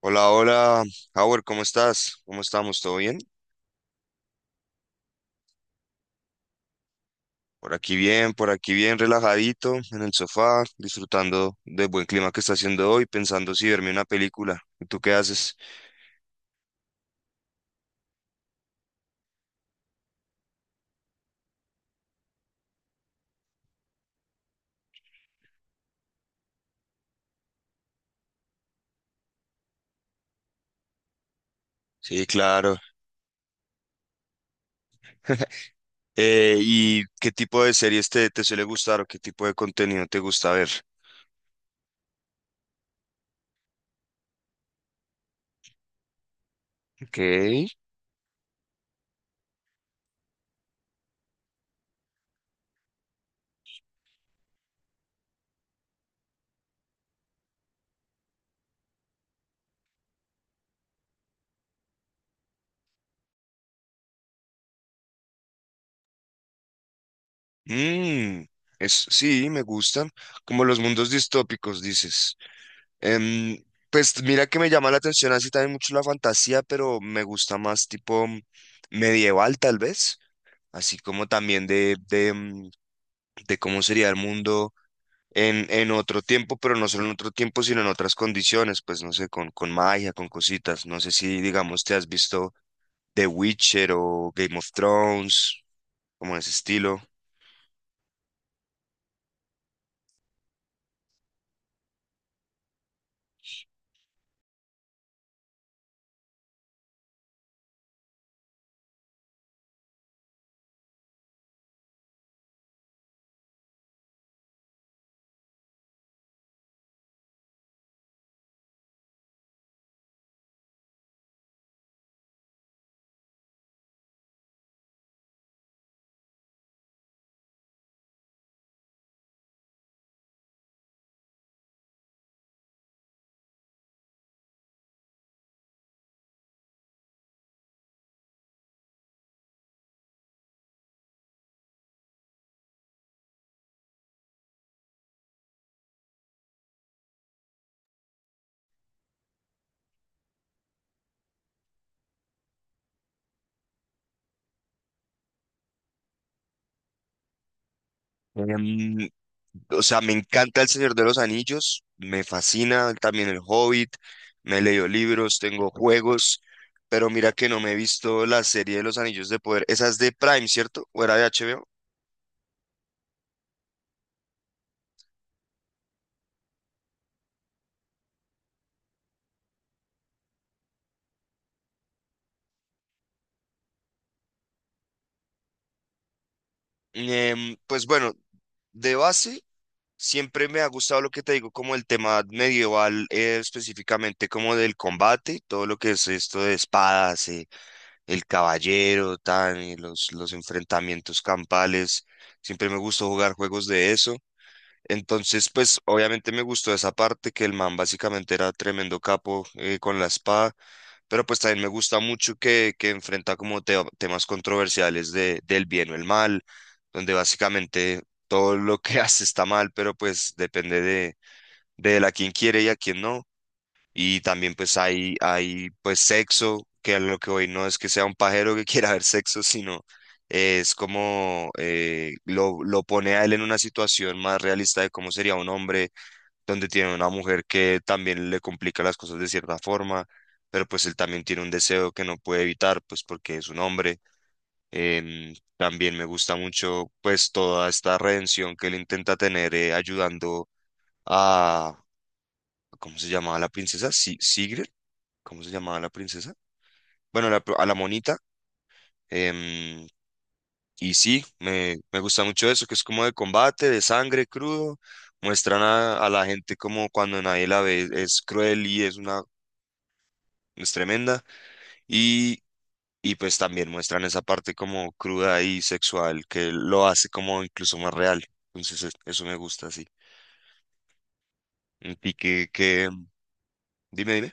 Hola, hola, Howard, ¿cómo estás? ¿Cómo estamos? ¿Todo bien? Por aquí bien, por aquí bien, relajadito en el sofá, disfrutando del buen clima que está haciendo hoy, pensando si verme una película. ¿Y tú qué haces? Sí, claro. ¿y qué tipo de series te suele gustar o qué tipo de contenido te gusta ver? Ok. Mm, sí, me gustan. Como los mundos distópicos, dices. Em, pues mira que me llama la atención así también mucho la fantasía, pero me gusta más tipo medieval tal vez, así como también de cómo sería el mundo en otro tiempo, pero no solo en otro tiempo, sino en otras condiciones, pues no sé, con magia, con cositas. No sé si, digamos, te has visto The Witcher o Game of Thrones, como en ese estilo. Em, O sea, me encanta El Señor de los Anillos, me fascina también El Hobbit, me he leído libros, tengo juegos, pero mira que no me he visto la serie de Los Anillos de Poder. Esa es de Prime, ¿cierto? ¿O era de HBO? Pues bueno, de base, siempre me ha gustado lo que te digo, como el tema medieval, específicamente como del combate, todo lo que es esto de espadas, el caballero, tan, y los enfrentamientos campales. Siempre me gustó jugar juegos de eso. Entonces, pues obviamente me gustó esa parte, que el man básicamente era tremendo capo con la espada, pero pues también me gusta mucho que enfrenta como temas controversiales de, del bien o el mal, donde básicamente todo lo que hace está mal, pero pues depende de él a quién quiere y a quién no. Y también pues hay pues sexo, que a lo que hoy no es que sea un pajero que quiera ver sexo, sino es como lo pone a él en una situación más realista de cómo sería un hombre, donde tiene una mujer que también le complica las cosas de cierta forma, pero pues él también tiene un deseo que no puede evitar, pues porque es un hombre. También me gusta mucho pues toda esta redención que él intenta tener ayudando a, ¿cómo se llamaba la princesa? Si, ¿Sigrid? ¿Cómo se llamaba la princesa? Bueno, a la monita. em, y sí, me gusta mucho eso, que es como de combate, de sangre crudo. Muestran a la gente como cuando nadie la ve, es cruel y es tremenda. Y, y pues también muestran esa parte como cruda y sexual, que lo hace como incluso más real. Entonces, eso me gusta, sí. Y que, que, Dime, dime.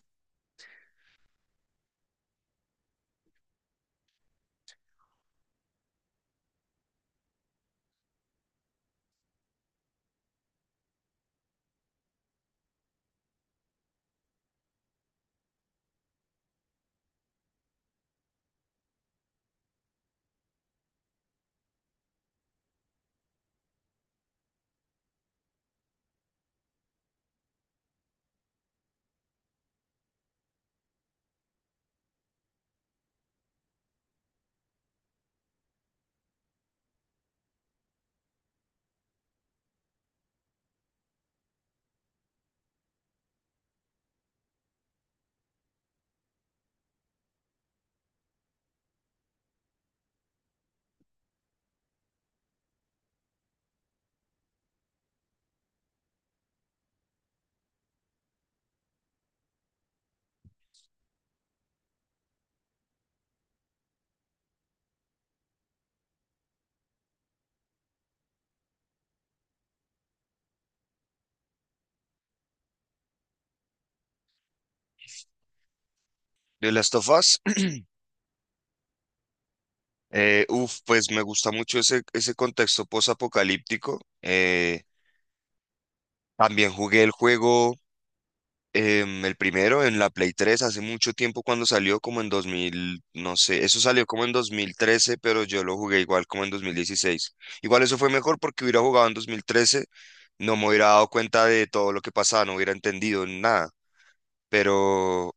De Last of Us. Uf, pues me gusta mucho ese contexto posapocalíptico. También jugué el juego, el primero, en la Play 3 hace mucho tiempo cuando salió, como en 2000, no sé, eso salió como en 2013, pero yo lo jugué igual como en 2016. Igual eso fue mejor porque hubiera jugado en 2013, no me hubiera dado cuenta de todo lo que pasaba, no hubiera entendido nada, pero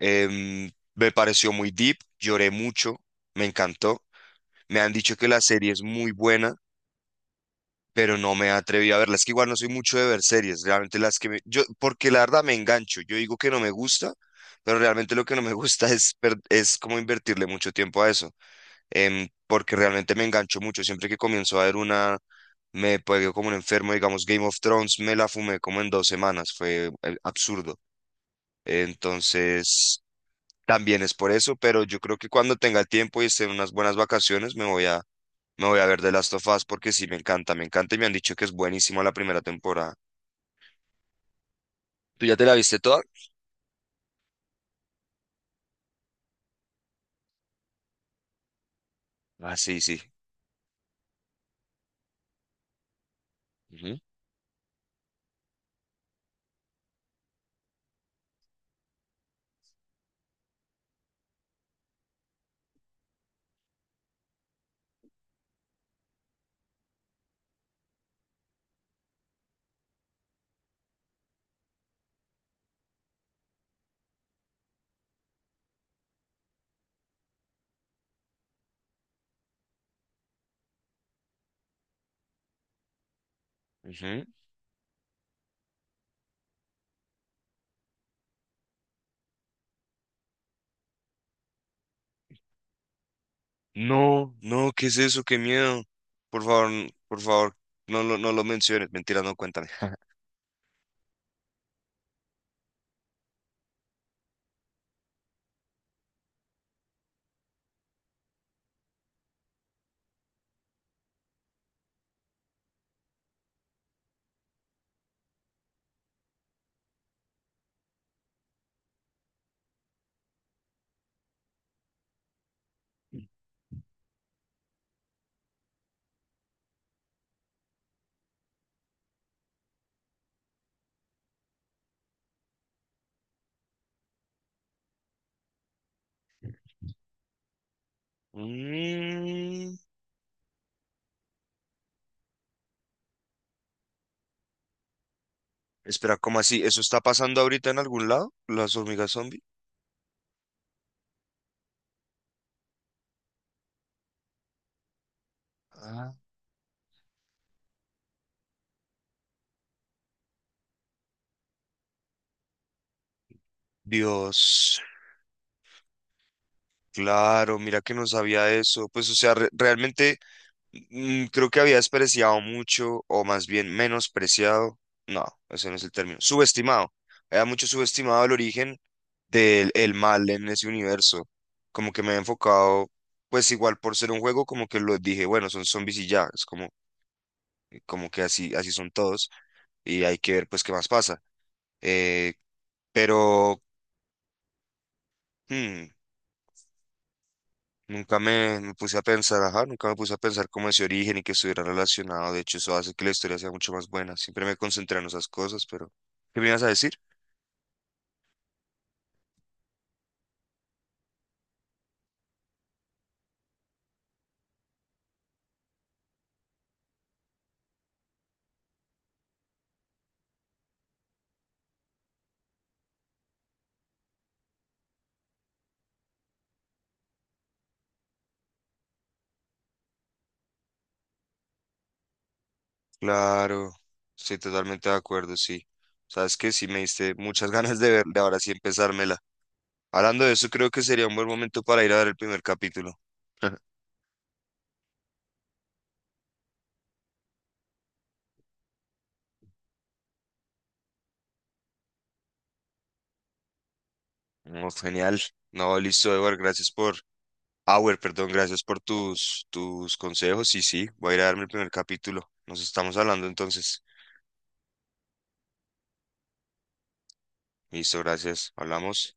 me pareció muy deep, lloré mucho, me encantó. Me han dicho que la serie es muy buena, pero no me atreví a verla. Es que igual no soy mucho de ver series, realmente las que me... Yo, porque la verdad me engancho, yo digo que no me gusta, pero realmente lo que no me gusta es, es como invertirle mucho tiempo a eso, porque realmente me engancho mucho. Siempre que comienzo a ver una, me pego como un enfermo, digamos, Game of Thrones, me la fumé como en dos semanas, fue absurdo. Entonces, también es por eso, pero yo creo que cuando tenga el tiempo y esté en unas buenas vacaciones, me voy a ver The Last of Us porque sí, me encanta y me han dicho que es buenísima la primera temporada. ¿Tú ya te la viste toda? Ah, sí, sí. Ujú, ujú. No, no, ¿qué es eso? Qué miedo. Por favor, por favor, no lo menciones. Mentira, no, cuéntame. Mm, espera, ¿cómo así? ¿Eso está pasando ahorita en algún lado? ¿Las hormigas zombie? Ah. Dios, claro, mira que no sabía eso. Pues, o sea, realmente, mm, creo que había despreciado mucho, o más bien menospreciado. No, ese no es el término. Subestimado. Había mucho subestimado el origen del el mal en ese universo. Como que me he enfocado, pues igual por ser un juego, como que lo dije, bueno, son zombies y ya. Es como, como que así, así son todos. Y hay que ver pues qué más pasa. Eh, pero mm, Nunca me puse a pensar, ajá, nunca me puse a pensar cómo ese origen y que estuviera relacionado. De hecho, eso hace que la historia sea mucho más buena. Siempre me concentré en esas cosas, pero ¿qué me ibas a decir? Claro, estoy totalmente de acuerdo, sí. Sabes que sí me diste muchas ganas de verla, ahora sí empezármela. Hablando de eso, creo que sería un buen momento para ir a ver el primer capítulo. No, genial. No, listo, Edward, gracias por, Auer, perdón, gracias por tus consejos. Sí, sí, voy a ir a darme el primer capítulo. Nos estamos hablando entonces. Listo, gracias. Hablamos.